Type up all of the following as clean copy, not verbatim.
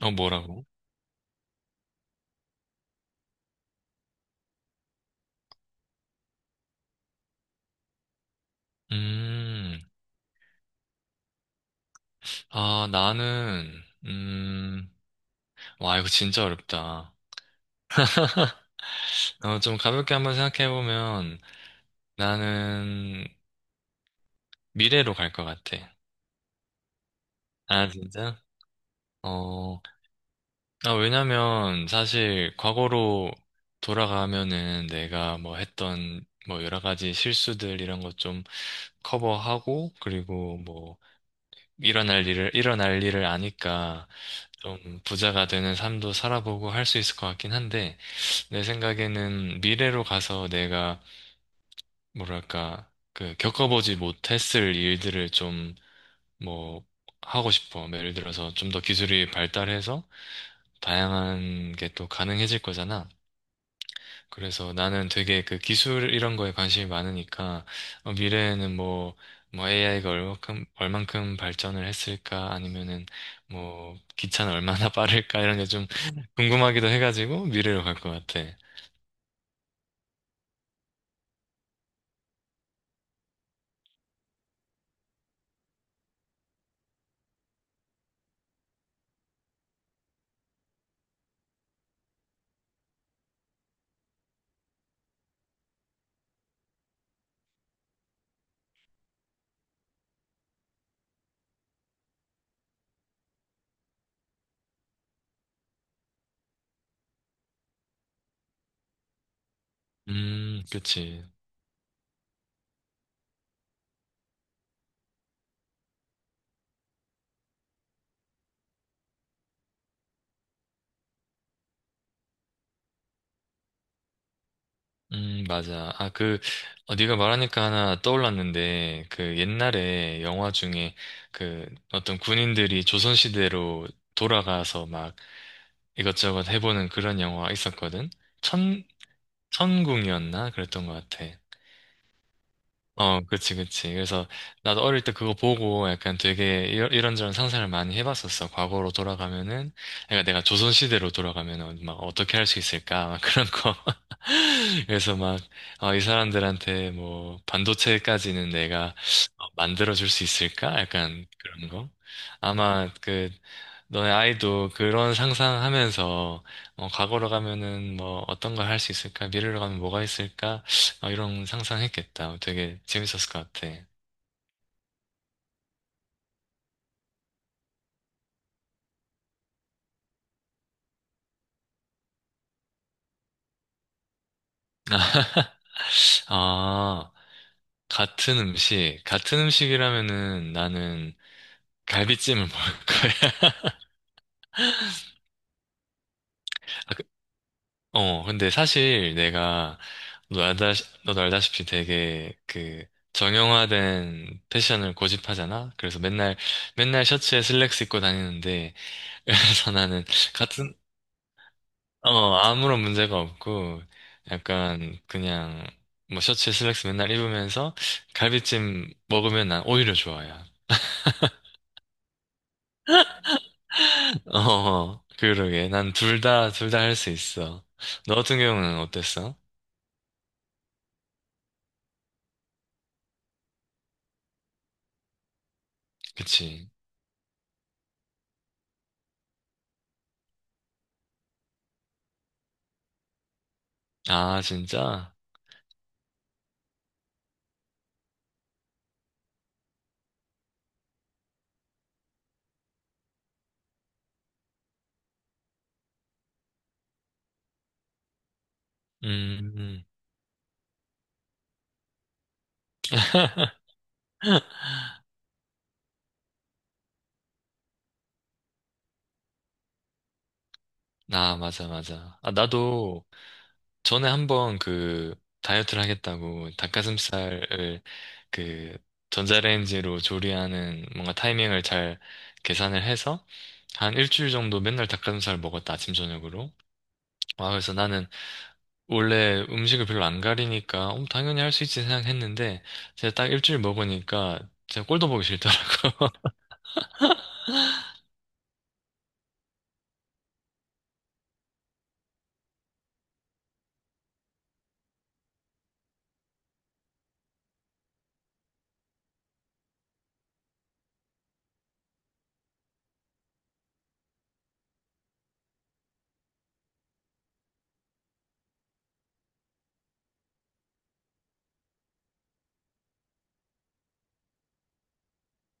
어, 뭐라고? 음, 아, 나는, 와, 이거 진짜 어렵다. 좀 가볍게 한번 생각해보면, 나는 미래로 갈 것 같아. 아, 진짜? 어, 아, 왜냐면, 사실, 과거로 돌아가면은 내가 뭐 여러 가지 실수들 이런 것 좀 커버하고, 그리고 뭐, 일어날 일을 아니까, 좀 부자가 되는 삶도 살아보고 할 수 있을 것 같긴 한데, 내 생각에는 미래로 가서 내가 뭐랄까 그 겪어보지 못했을 일들을 좀 뭐 하고 싶어. 뭐 예를 들어서 좀 더 기술이 발달해서 다양한 게 또 가능해질 거잖아. 그래서 나는 되게 그 기술 이런 거에 관심이 많으니까 미래에는 뭐 AI가 얼만큼 발전을 했을까 아니면은 뭐 기차는 얼마나 빠를까 이런 게 좀 궁금하기도 해가지고 미래로 갈 것 같아. 그치. 맞아. 아, 그, 네가 말하니까 하나 떠올랐는데, 그 옛날에 영화 중에 그 어떤 군인들이 조선시대로 돌아가서 막 이것저것 해보는 그런 영화 있었거든? 천, 천궁이었나? 그랬던 것 같아. 어, 그치, 그치. 그래서 나도 어릴 때 그거 보고 약간 되게 이런저런 상상을 많이 해봤었어. 과거로 돌아가면은, 그러니까 내가 조선시대로 돌아가면은 막 어떻게 할 수 있을까? 막 그런 거. 그래서 막, 어, 이 사람들한테 뭐, 반도체까지는 내가 어, 만들어줄 수 있을까? 약간 그런 거. 아마 그, 너네 아이도 그런 상상하면서, 어, 과거로 가면은 뭐, 어떤 걸 할 수 있을까? 미래로 가면 뭐가 있을까? 아, 이런 상상했겠다. 되게 재밌었을 것 같아. 아, 같은 음식. 같은 음식이라면은 나는 갈비찜을 먹을 거야. 아, 그- 어, 근데 사실 내가, 너 알다, 너도 알다시피 되게 그, 정형화된 패션을 고집하잖아? 그래서 맨날, 맨날 셔츠에 슬랙스 입고 다니는데, 그래서 나는 같은, 어, 아무런 문제가 없고, 약간, 그냥, 뭐, 셔츠 슬랙스 맨날 입으면서, 갈비찜 먹으면 난 오히려 좋아요. 어, 그러게. 난 둘 다 할 수 있어. 너 같은 경우는 어땠어? 그치. 아, 진짜? 음, 음. 아, 맞아, 맞아. 아, 나도, 전에 한번 그 다이어트를 하겠다고 닭가슴살을 그 전자레인지로 조리하는 뭔가 타이밍을 잘 계산을 해서 한 일주일 정도 맨날 닭가슴살 먹었다 아침 저녁으로. 와 그래서 나는 원래 음식을 별로 안 가리니까 어, 당연히 할 수 있지 생각했는데 제가 딱 일주일 먹으니까 제가 꼴도 보기 싫더라.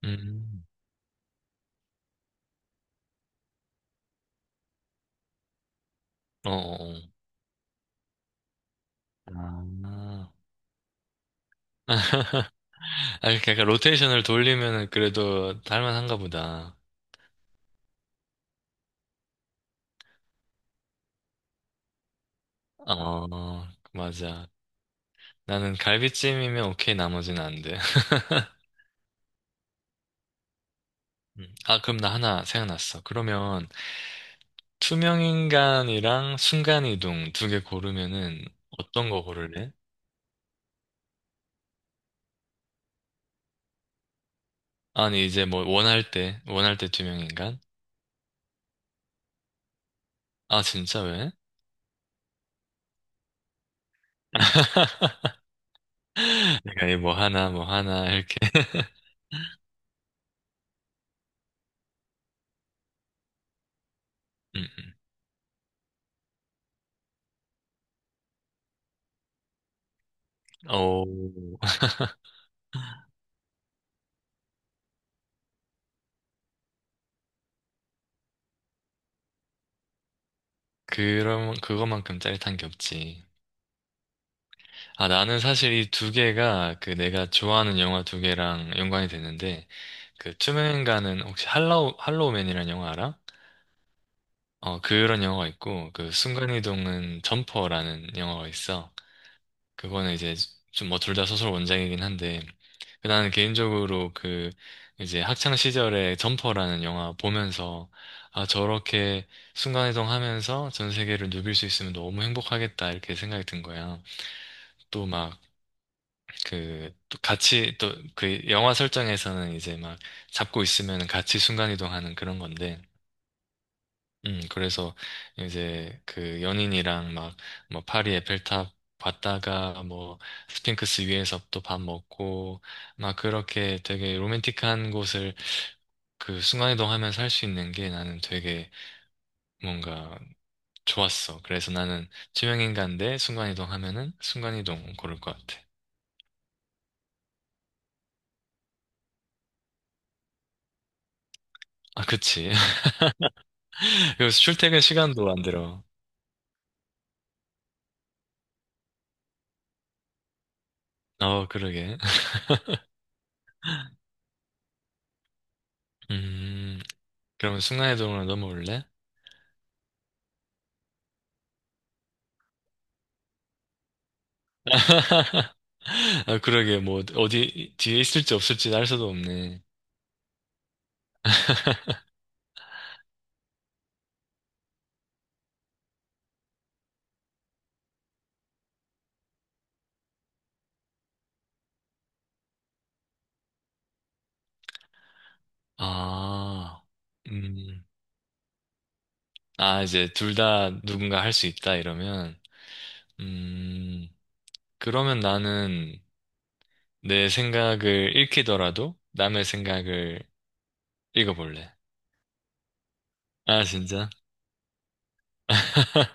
음. 어. 어, 어. 아. 아, 그러니까 약간 로테이션을 돌리면은 그래도 할 만한가 보다. 어, 맞아. 나는 갈비찜이면 오케이, 나머지는 안 돼. 아, 그럼 나 하나 생각났어. 그러면 투명인간이랑 순간이동 두 개 고르면은 어떤 거 고를래? 아니, 이제 뭐 원할 때 투명인간? 아, 진짜 왜? 내가 이 뭐 하나, 뭐 하나, 이렇게. 음. 오, 그럼, 그거만큼 짜릿한 게 없지. 아, 나는 사실 이 두 개가 그 내가 좋아하는 영화 두 개랑 연관이 됐는데, 그 투명인간은 혹시 할로우맨이라는 영화 알아? 어, 그런 영화가 있고, 그 순간이동은 점퍼라는 영화가 있어. 그거는 이제 좀 뭐 둘 다 소설 원작이긴 한데, 그 나는 개인적으로 그 이제 학창 시절에 점퍼라는 영화 보면서, 아, 저렇게 순간이동하면서 전 세계를 누빌 수 있으면 너무 행복하겠다, 이렇게 생각이 든 거야. 또막 그, 또 같이, 또, 그 영화 설정에서는 이제 막 잡고 있으면 같이 순간이동하는 그런 건데, 그래서 이제 그 연인이랑 막, 뭐, 파리 에펠탑 봤다가 뭐, 스핑크스 위에서 또 밥 먹고, 막 그렇게 되게 로맨틱한 곳을 그 순간이동하면서 할 수 있는 게 나는 되게 뭔가 좋았어. 그래서 나는 투명인간데 순간이동하면은 순간이동 고를 것 같아. 아, 그치. 그리고 출퇴근 시간도 안 들어. 어, 그러게. 음, 그러면 나의동으로 넘어올래? 아, 그러게, 뭐, 어디, 뒤에 있을지 없을지 알 수도 없네. 아, 음, 아, 이제 둘 다 누군가 할 수 있다, 이러면. 음, 그러면 나는 내 생각을 읽히더라도 남의 생각을 읽어볼래. 아, 진짜?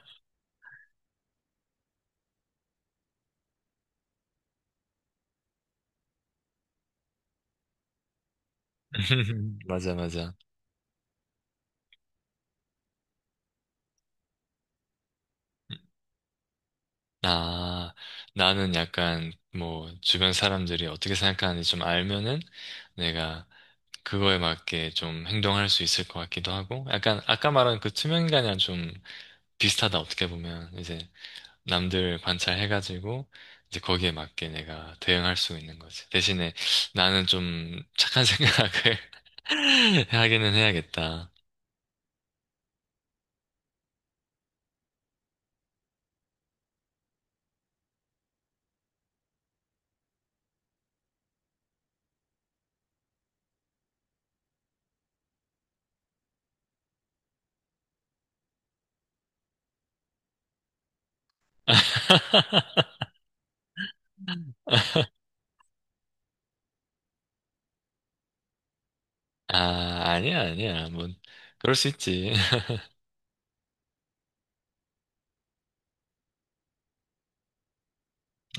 맞아, 맞아. 아, 나는 약간 뭐 주변 사람들이 어떻게 생각하는지 좀 알면은 내가 그거에 맞게 좀 행동할 수 있을 것 같기도 하고 약간 아까 말한 그 투명인간이랑 좀 비슷하다 어떻게 보면 이제 남들 관찰해가지고 이제 거기에 맞게 내가 대응할 수 있는 거지. 대신에 나는 좀 착한 생각을 하기는 해야겠다. 아, 아니야, 아니야. 뭐, 그럴 수 있지.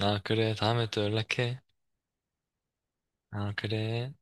아, 그래. 다음에 또 연락해. 아, 그래.